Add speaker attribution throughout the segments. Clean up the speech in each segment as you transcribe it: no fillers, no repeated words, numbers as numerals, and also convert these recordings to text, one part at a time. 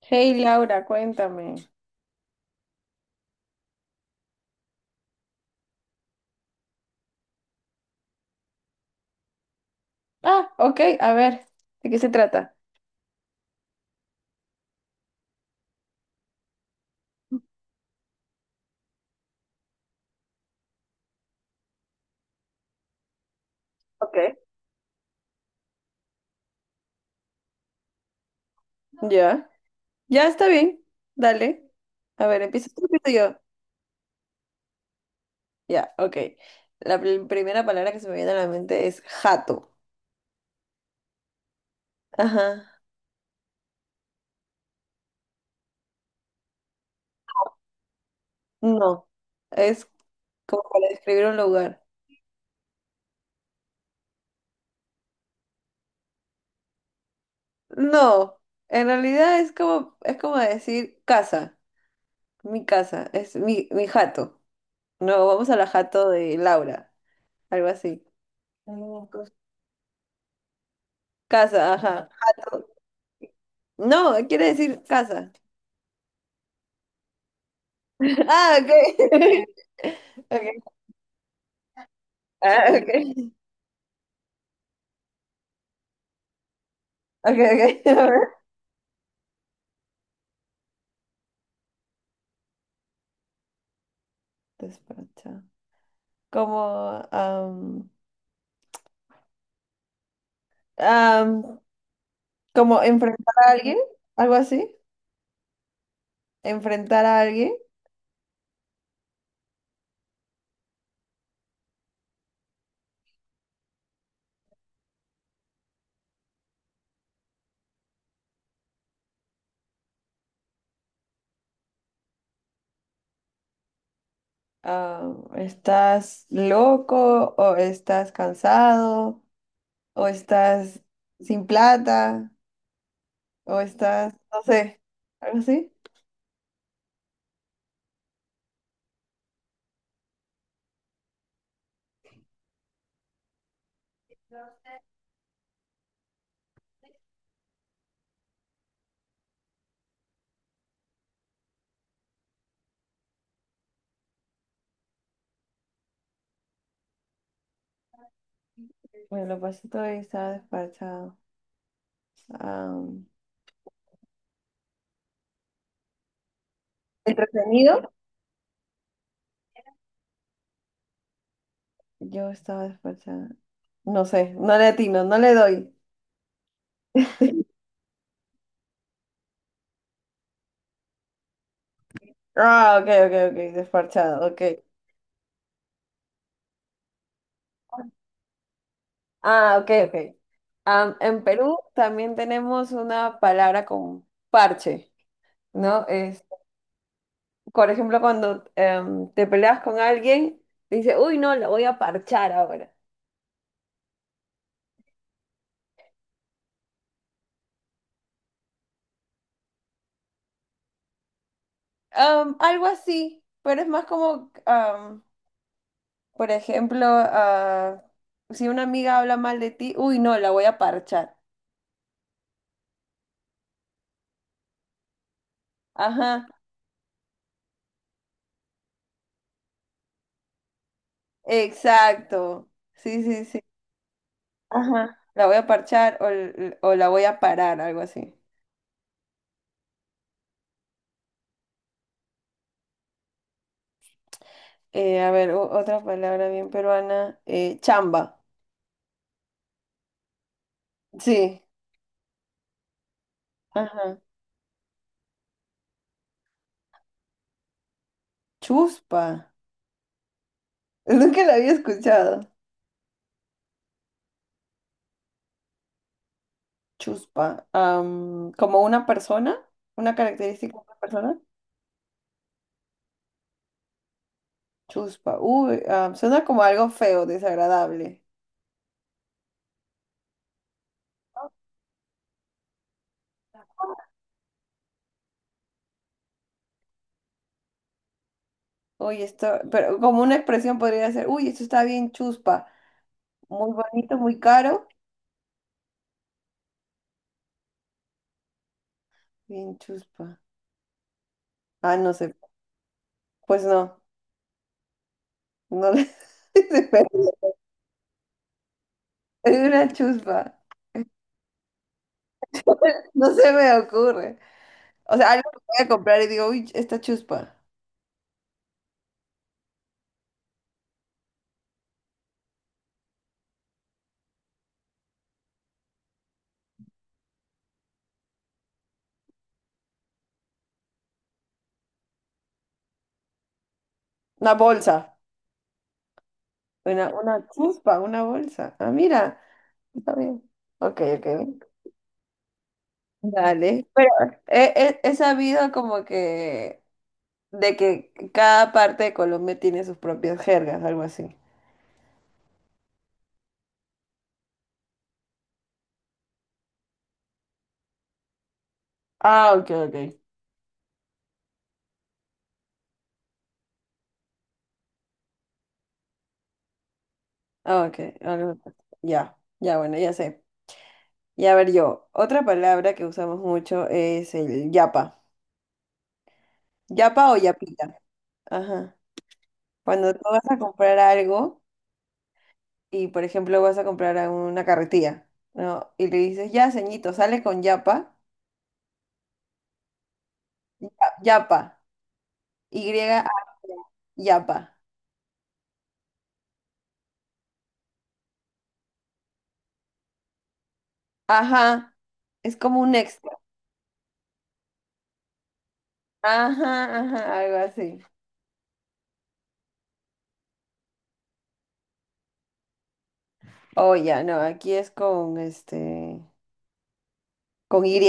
Speaker 1: Hey Laura, cuéntame. Ah, ok, a ver, ¿de qué se trata? Ok. Ya, ya está bien, dale. A ver, empieza tú, empiezo yo. Ya, ok. La primera palabra que se me viene a la mente es jato. Ajá. No, es como para describir un lugar. No, en realidad es como decir casa, mi casa, es mi jato. No, vamos a la jato de Laura, algo así. Mm, cos- Casa, ajá. No, quiere decir casa. Ah, ok. Ok. Ah, ok. Ok, ok. A ver. Despacha. Como, am, am, como enfrentar a alguien, algo así. Enfrentar a alguien. ¿Estás loco o estás cansado o estás sin plata o estás, no sé, algo así? Bueno, lo pasé todo y estaba despachado. Am, ¿entretenido? Yo estaba desparchada. No sé, no le atino, no le doy. Ah, ok, ok, ok, desparchado, ok. Ah, ok, ok. Am, en Perú también tenemos una palabra con parche, ¿no? Es, por ejemplo, cuando te peleas con alguien, dice, uy, no, la voy a parchar ahora. Algo así, pero es más como, por ejemplo, ah, si una amiga habla mal de ti, uy, no, la voy a parchar. Ajá. Exacto. Sí, sí, sí. Ajá. La voy a parchar o o la voy a parar, algo así. A ver, otra palabra bien peruana. Eh, chamba. Sí. Ajá. Chuspa. Nunca la había escuchado. Chuspa. Am, como una persona, una característica de una persona. Chuspa. Uy, am, suena como algo feo, desagradable. Uy, esto, pero como una expresión podría ser, uy, esto está bien chuspa. Muy bonito, muy caro. Bien chuspa. Ah, no sé, pues no, no le- se me- es una chuspa, no se me ocurre. O sea, algo que voy a comprar y digo, uy, esta chuspa, una bolsa, una chuspa, una bolsa. Ah, mira, está bien. Ok, ok, dale. Pero he sabido como de que cada parte de Colombia tiene sus propias jergas, algo así. Ah, ok, ok. Ah, ok, ya, ya, bueno, ya sé. Y a ver yo, otra palabra que usamos mucho es el yapa. Yapa o yapita. Ajá. Cuando tú vas a comprar algo y, por ejemplo, vas a comprar a una carretilla, ¿no? Y le dices, ya, ceñito, sale con yapa. Ya- Yapa. Y-A. Yapa. Ajá. Es como un extra. Ajá, ajá, algo así. Oh ya, no, aquí es con este, con Y.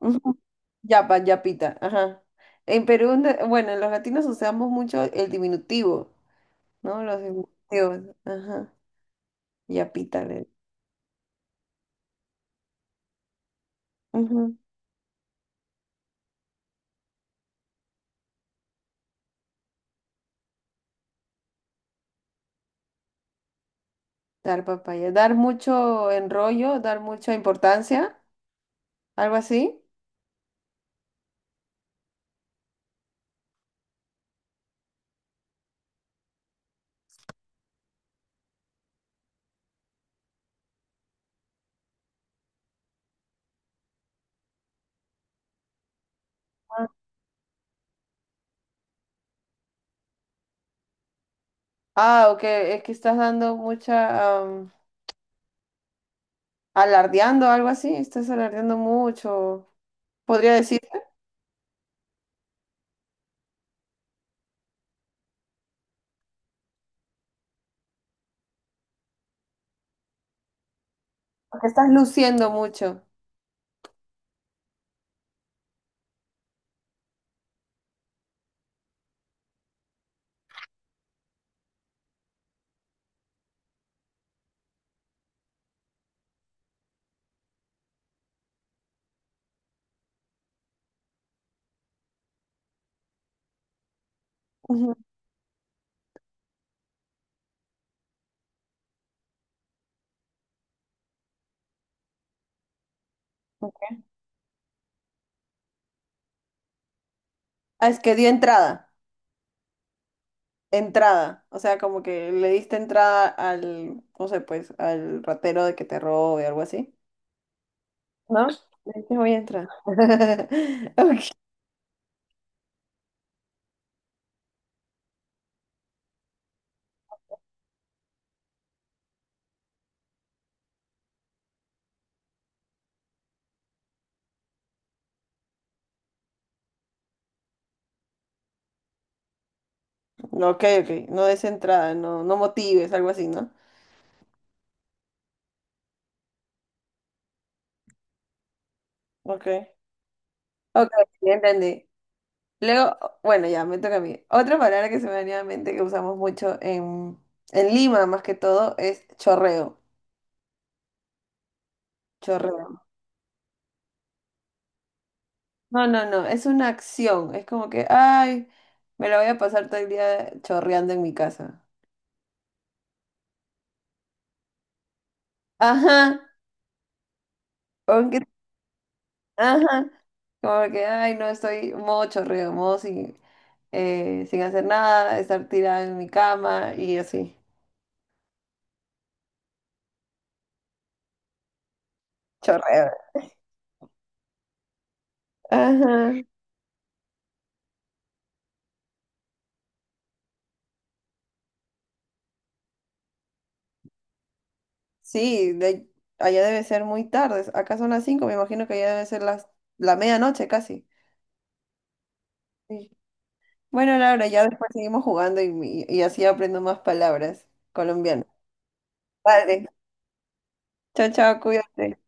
Speaker 1: Ujú. Yapa, yapita, ajá. En Perú, bueno, los latinos usamos mucho el diminutivo, ¿no? Los diminutivos, ajá. Yapita, le- ujú. Dar papaya. Dar mucho enrollo, dar mucha importancia, algo así. Ah, ah, ok, es que estás dando mucha, am, alardeando, algo así. Estás alardeando mucho. Podría decir, porque estás luciendo mucho. Ujú. Ah, es que dio entrada. Entrada, o sea, como que le diste entrada al, no sé, pues, al ratero de que te robe, algo así. ¿No? Le diste, voy a entrar. Ok, ok, ok, no des entrada, no, no motives, algo así, ¿no? Ok, ok, ya entendí. Luego, bueno, ya, me toca a mí. Otra palabra que se me venía a la mente que usamos mucho en Lima, más que todo, es chorreo. Chorreo. No, no, no, es una acción. Es como que, ay, me la voy a pasar todo el día chorreando en mi casa. Ajá, aunque, ajá, como que, ay, no, estoy modo chorreo, modo sin, sin hacer nada, estar tirada en mi cama y así, chorreo. Ajá, sí, de, allá debe ser muy tarde, acá son las 5, me imagino que allá debe ser las, la medianoche casi. Sí. Bueno, Laura, ya después seguimos jugando y así aprendo más palabras colombianas. Vale, chao, chao, cuídate.